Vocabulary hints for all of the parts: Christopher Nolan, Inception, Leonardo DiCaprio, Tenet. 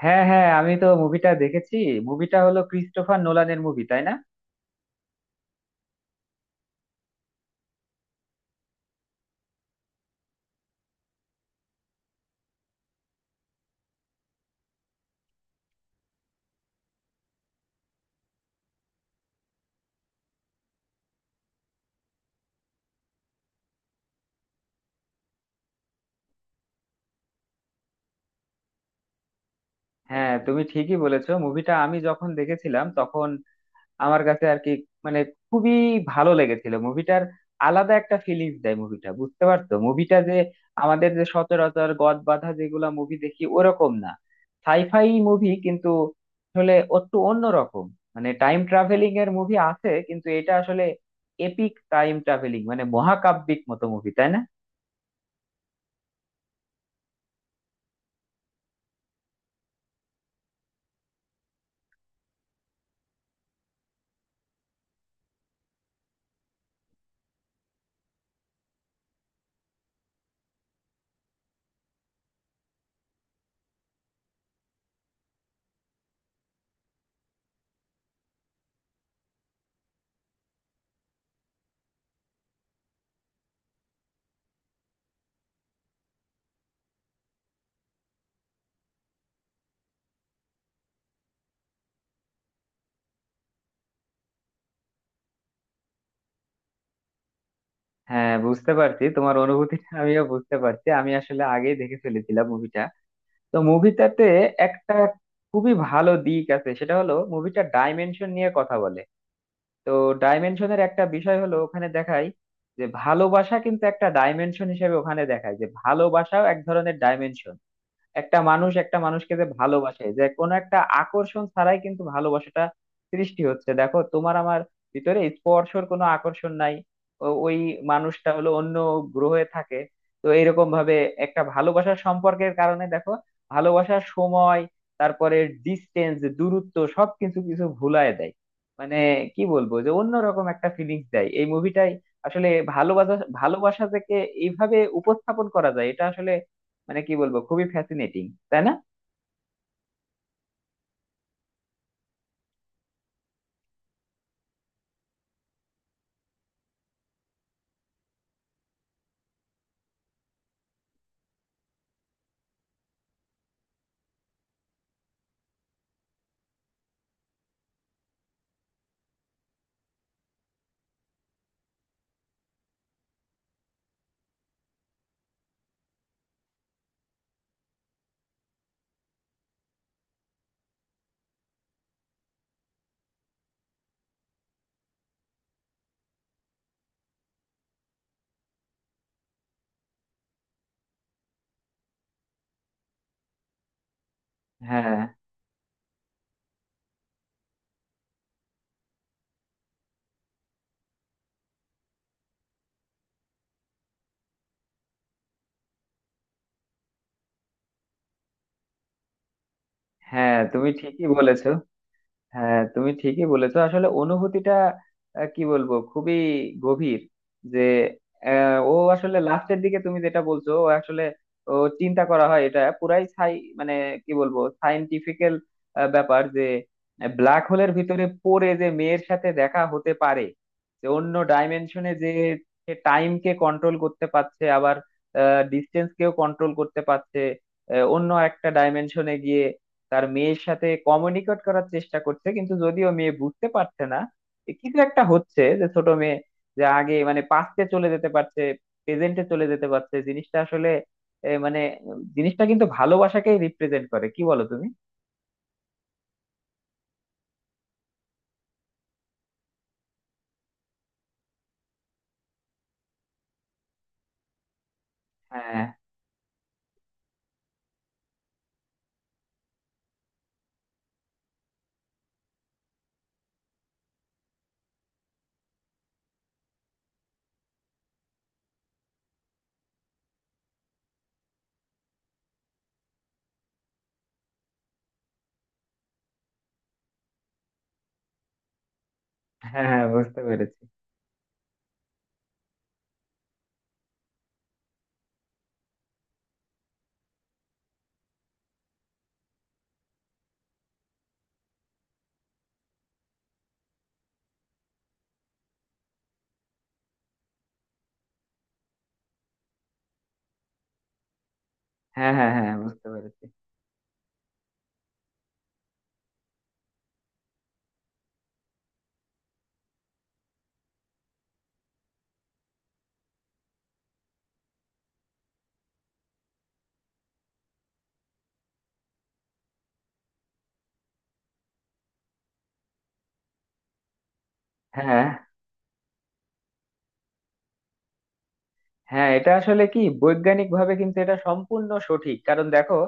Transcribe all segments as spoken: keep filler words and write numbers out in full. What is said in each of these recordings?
হ্যাঁ হ্যাঁ, আমি তো মুভিটা দেখেছি। মুভিটা হলো ক্রিস্টোফার নোলানের মুভি, তাই না? হ্যাঁ, তুমি ঠিকই বলেছো। মুভিটা আমি যখন দেখেছিলাম তখন আমার কাছে আর কি, মানে খুবই ভালো লেগেছিল মুভিটার। আলাদা একটা ফিলিংস দেয় মুভিটা, বুঝতে পারছো? মুভিটা যে আমাদের যে সচরাচর গদ বাঁধা যেগুলা মুভি দেখি ওরকম না। সাইফাই মুভি কিন্তু আসলে একটু অন্যরকম। মানে টাইম ট্রাভেলিং এর মুভি আছে, কিন্তু এটা আসলে এপিক টাইম ট্রাভেলিং, মানে মহাকাব্যিক মতো মুভি, তাই না? হ্যাঁ, বুঝতে পারছি তোমার অনুভূতিটা। আমিও বুঝতে পারছি। আমি আসলে আগেই দেখে ফেলেছিলাম মুভিটা। তো মুভিটাতে একটা খুবই ভালো দিক আছে, সেটা হলো মুভিটা ডাইমেনশন নিয়ে কথা বলে। তো ডাইমেনশনের একটা বিষয় হলো, ওখানে দেখায় যে ভালোবাসা কিন্তু একটা ডাইমেনশন হিসেবে। ওখানে দেখায় যে ভালোবাসাও এক ধরনের ডাইমেনশন। একটা মানুষ একটা মানুষকে যে ভালোবাসে, যে কোনো একটা আকর্ষণ ছাড়াই কিন্তু ভালোবাসাটা সৃষ্টি হচ্ছে। দেখো, তোমার আমার ভিতরে স্পর্শর কোনো আকর্ষণ নাই। ও- ওই মানুষটা হলো অন্য গ্রহে থাকে। তো এরকম ভাবে একটা ভালোবাসার সম্পর্কের কারণে দেখো, ভালোবাসার সময়, তারপরে ডিস্টেন্স দূরত্ব সবকিছু কিছু ভুলায় দেয়। মানে কি বলবো, যে অন্যরকম একটা ফিলিংস দেয় এই মুভিটাই আসলে। ভালোবাসা ভালোবাসা থেকে এইভাবে উপস্থাপন করা যায় এটা আসলে, মানে কি বলবো, খুবই ফ্যাসিনেটিং, তাই না? হ্যাঁ হ্যাঁ, তুমি ঠিকই বলেছো। হ্যাঁ, তুমি ঠিকই বলেছো। আসলে অনুভূতিটা আহ, কি বলবো, খুবই গভীর। যে আহ, ও আসলে লাস্টের দিকে তুমি যেটা বলছো, ও আসলে, ও চিন্তা করা হয় এটা পুরাই সাই, মানে কি বলবো, সায়েন্টিফিক্যাল ব্যাপার। যে ব্ল্যাক হোলের ভিতরে পড়ে যে মেয়ের সাথে দেখা হতে পারে, যে অন্য ডাইমেনশনে, যে টাইমকে কন্ট্রোল করতে পারছে, আবার ডিস্টেন্স কেও কন্ট্রোল করতে পারছে। আহ, অন্য একটা ডাইমেনশনে গিয়ে তার মেয়ের সাথে কমিউনিকেট করার চেষ্টা করছে, কিন্তু যদিও মেয়ে বুঝতে পারছে না। এ কিছু একটা হচ্ছে যে ছোট মেয়ে যে আগে মানে পাস্টে চলে যেতে পারছে, প্রেজেন্টে চলে যেতে পারছে। জিনিসটা আসলে এ, মানে উম, জিনিসটা কিন্তু ভালোবাসাকেই রিপ্রেজেন্ট করে, কি বলো তুমি? হ্যাঁ হ্যাঁ হ্যাঁ, বুঝতে পেরেছি। হ্যাঁ হ্যাঁ হ্যাঁ, বুঝতে পেরেছি। হ্যাঁ হ্যাঁ, এটা আসলে কি, বৈজ্ঞানিক ভাবে কিন্তু এটা সম্পূর্ণ সঠিক। কারণ দেখো,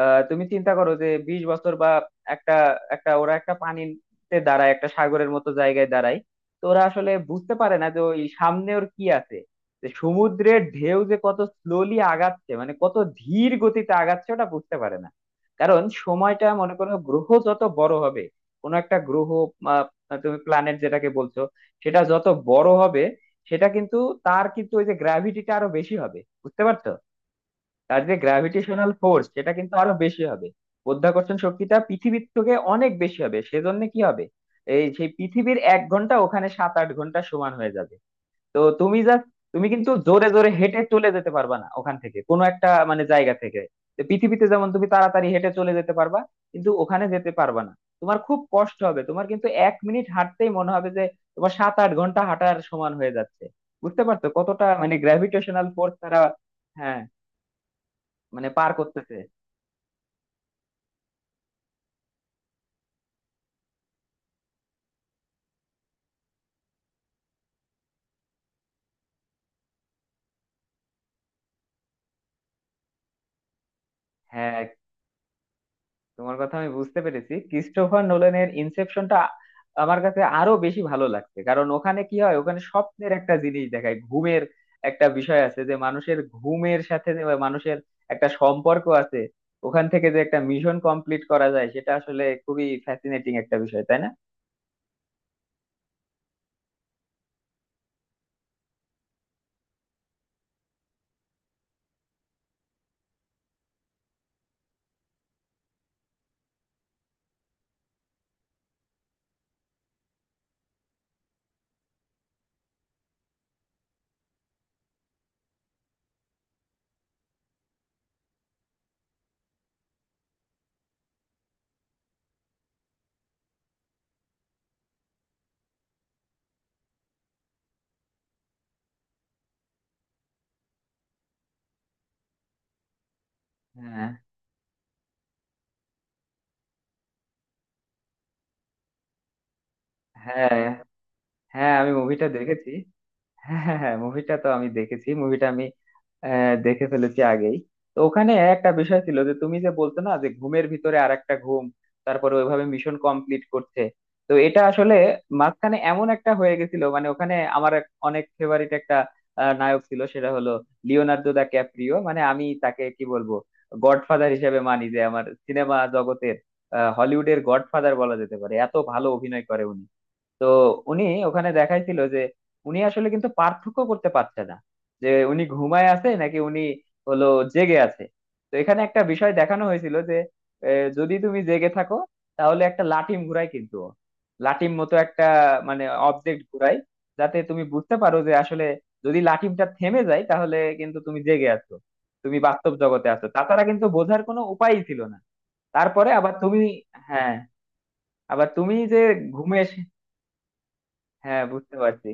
আহ, তুমি চিন্তা করো যে বিশ বছর বা, একটা একটা ওরা একটা পানিতে দাঁড়ায়, একটা সাগরের মতো জায়গায় দাঁড়ায়। তো ওরা আসলে বুঝতে পারে না যে ওই সামনে ওর কি আছে, যে সমুদ্রের ঢেউ যে কত স্লোলি আগাচ্ছে, মানে কত ধীর গতিতে আগাচ্ছে, ওটা বুঝতে পারে না। কারণ সময়টা, মনে করো, গ্রহ যত বড় হবে, কোনো একটা গ্রহ, আহ, তুমি প্ল্যানেট যেটাকে বলছো, সেটা যত বড় হবে, সেটা কিন্তু, তার কিন্তু ওই যে গ্র্যাভিটিটা আরো বেশি হবে, বুঝতে পারছো? তার যে গ্র্যাভিটেশনাল ফোর্স সেটা কিন্তু আরো বেশি হবে। মাধ্যাকর্ষণ শক্তিটা পৃথিবীর থেকে অনেক বেশি হবে। সেজন্য কি হবে, এই সেই পৃথিবীর এক ঘন্টা ওখানে সাত আট ঘন্টা সমান হয়ে যাবে। তো তুমি যা তুমি কিন্তু জোরে জোরে হেঁটে চলে যেতে পারবা না ওখান থেকে, কোনো একটা মানে জায়গা থেকে। তো পৃথিবীতে যেমন তুমি তাড়াতাড়ি হেঁটে চলে যেতে পারবা, কিন্তু ওখানে যেতে পারবা না। তোমার খুব কষ্ট হবে। তোমার কিন্তু এক মিনিট হাঁটতেই মনে হবে যে তোমার সাত আট ঘন্টা হাঁটার সমান হয়ে যাচ্ছে। বুঝতে পারছো কতটা মানে গ্র্যাভিটেশনাল ফোর্স তারা, হ্যাঁ, মানে পার করতেছে। হ্যাঁ, তোমার কথা আমি বুঝতে পেরেছি। ক্রিস্টোফার নোলানের ইনসেপশনটা আমার কাছে আরো বেশি ভালো লাগছে, কারণ ওখানে কি হয়, ওখানে স্বপ্নের একটা জিনিস দেখায়, ঘুমের একটা বিষয় আছে, যে মানুষের ঘুমের সাথে যে মানুষের একটা সম্পর্ক আছে। ওখান থেকে যে একটা মিশন কমপ্লিট করা যায়, সেটা আসলে খুবই ফ্যাসিনেটিং একটা বিষয়, তাই না? হ্যাঁ হ্যাঁ হ্যাঁ, আমি মুভিটা দেখেছি। হ্যাঁ হ্যাঁ হ্যাঁ, মুভিটা তো আমি দেখেছি। মুভিটা আমি আহ, দেখে ফেলেছি আগেই। তো ওখানে একটা বিষয় ছিল যে তুমি যে বলছো না, যে ঘুমের ভিতরে আর একটা ঘুম, তারপরে ওইভাবে মিশন কমপ্লিট করছে। তো এটা আসলে মাঝখানে এমন একটা হয়ে গেছিল, মানে ওখানে আমার এক- অনেক ফেভারিট একটা আহ, নায়ক ছিল, সেটা হলো লিওনার্দো দা ক্যাপ্রিও। মানে আমি তাকে কি বলবো, গডফাদার হিসেবে মানি যে, আমার সিনেমা জগতের আহ, হলিউডের গডফাদার বলা যেতে পারে। এত ভালো অভিনয় করে উনি। তো উনি ওখানে দেখাইছিল যে উনি আসলে কিন্তু পার্থক্য করতে পারছে না, যে উনি ঘুমায় আছে নাকি উনি হলো জেগে আছে। তো এখানে একটা বিষয় দেখানো হয়েছিল যে আহ, যদি তুমি জেগে থাকো, তাহলে একটা লাটিম ঘুরায়, কিন্তু ও। লাটিম মতো একটা মানে অবজেক্ট ঘুরায়, যাতে তুমি বুঝতে পারো যে আসলে, যদি লাটিমটা থেমে যায়, তাহলে কিন্তু তুমি জেগে আছো, তুমি বাস্তব জগতে আছো। তাছাড়া কিন্তু বোঝার কোনো উপায়ই ছিল না। তারপরে আবার তুমি, হ্যাঁ, আবার তুমি যে ঘুমে, হ্যাঁ, বুঝতে পারছি,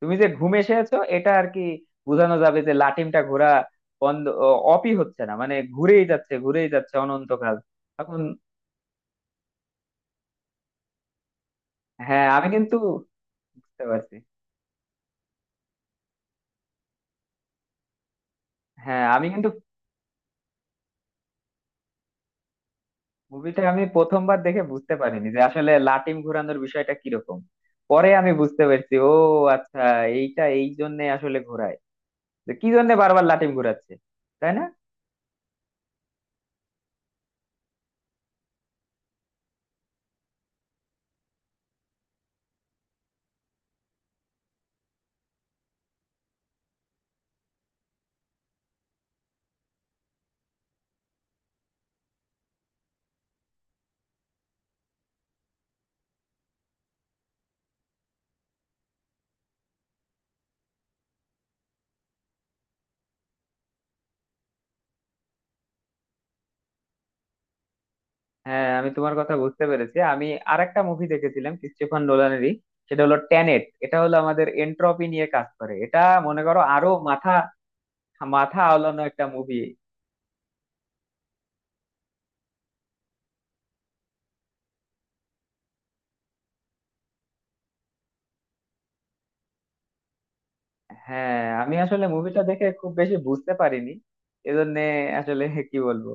তুমি যে ঘুম এসেছো এটা আর কি বোঝানো যাবে, যে লাটিমটা ঘোরা বন্ধ অ- অপই হচ্ছে না, মানে ঘুরেই যাচ্ছে ঘুরেই যাচ্ছে অনন্তকাল। এখন হ্যাঁ, আমি কিন্তু বুঝতে পারছি। হ্যাঁ, আমি কিন্তু, মুভিটা আমি প্রথমবার দেখে বুঝতে পারিনি যে আসলে লাটিম ঘোরানোর বিষয়টা কিরকম। পরে আমি বুঝতে পেরেছি, ও আচ্ছা, এইটা এই জন্য আসলে ঘোরায়, যে কি জন্য বারবার লাটিম ঘোরাচ্ছে, তাই না? হ্যাঁ, আমি তোমার কথা বুঝতে পেরেছি। আমি আরেকটা মুভি দেখেছিলাম ক্রিস্টোফার নোলানেরই, সেটা হলো ট্যানেট। এটা হলো আমাদের এন্ট্রপি নিয়ে কাজ করে এটা। মনে করো আরো মাথা মাথা আওলানো একটা মুভি। হ্যাঁ, আমি আসলে মুভিটা দেখে খুব বেশি বুঝতে পারিনি, এজন্য আসলে কি বলবো।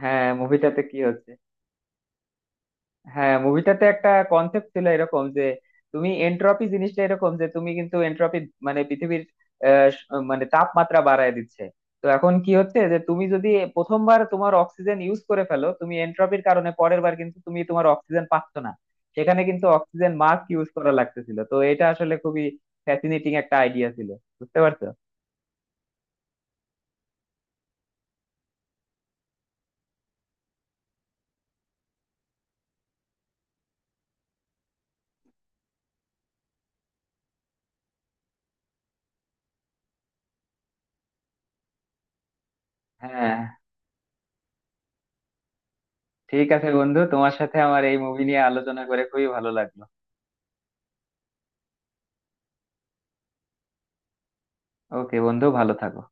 হ্যাঁ, মুভিটাতে কি হচ্ছে। হ্যাঁ, মুভিটাতে একটা কনসেপ্ট ছিল এরকম যে, তুমি এন্ট্রপি জিনিসটা এরকম যে, তুমি কিন্তু এন্ট্রপি মানে পৃথিবীর আহ, স- মানে তাপমাত্রা বাড়ায় দিচ্ছে। তো এখন কি হচ্ছে যে, তুমি যদি প্রথমবার তোমার অক্সিজেন ইউজ করে ফেলো, তুমি এন্ট্রপির কারণে পরের বার কিন্তু তুমি তোমার অক্সিজেন পাচ্ছ না। সেখানে কিন্তু অক্সিজেন মাস্ক ইউজ করা লাগতেছিল। তো এটা আসলে খুবই ফ্যাসিনেটিং একটা আইডিয়া ছিল, বুঝতে পারছো? হ্যাঁ, ঠিক আছে বন্ধু, তোমার সাথে আমার এই মুভি নিয়ে আলোচনা করে খুবই ভালো লাগলো। ওকে বন্ধু, ভালো থাকো।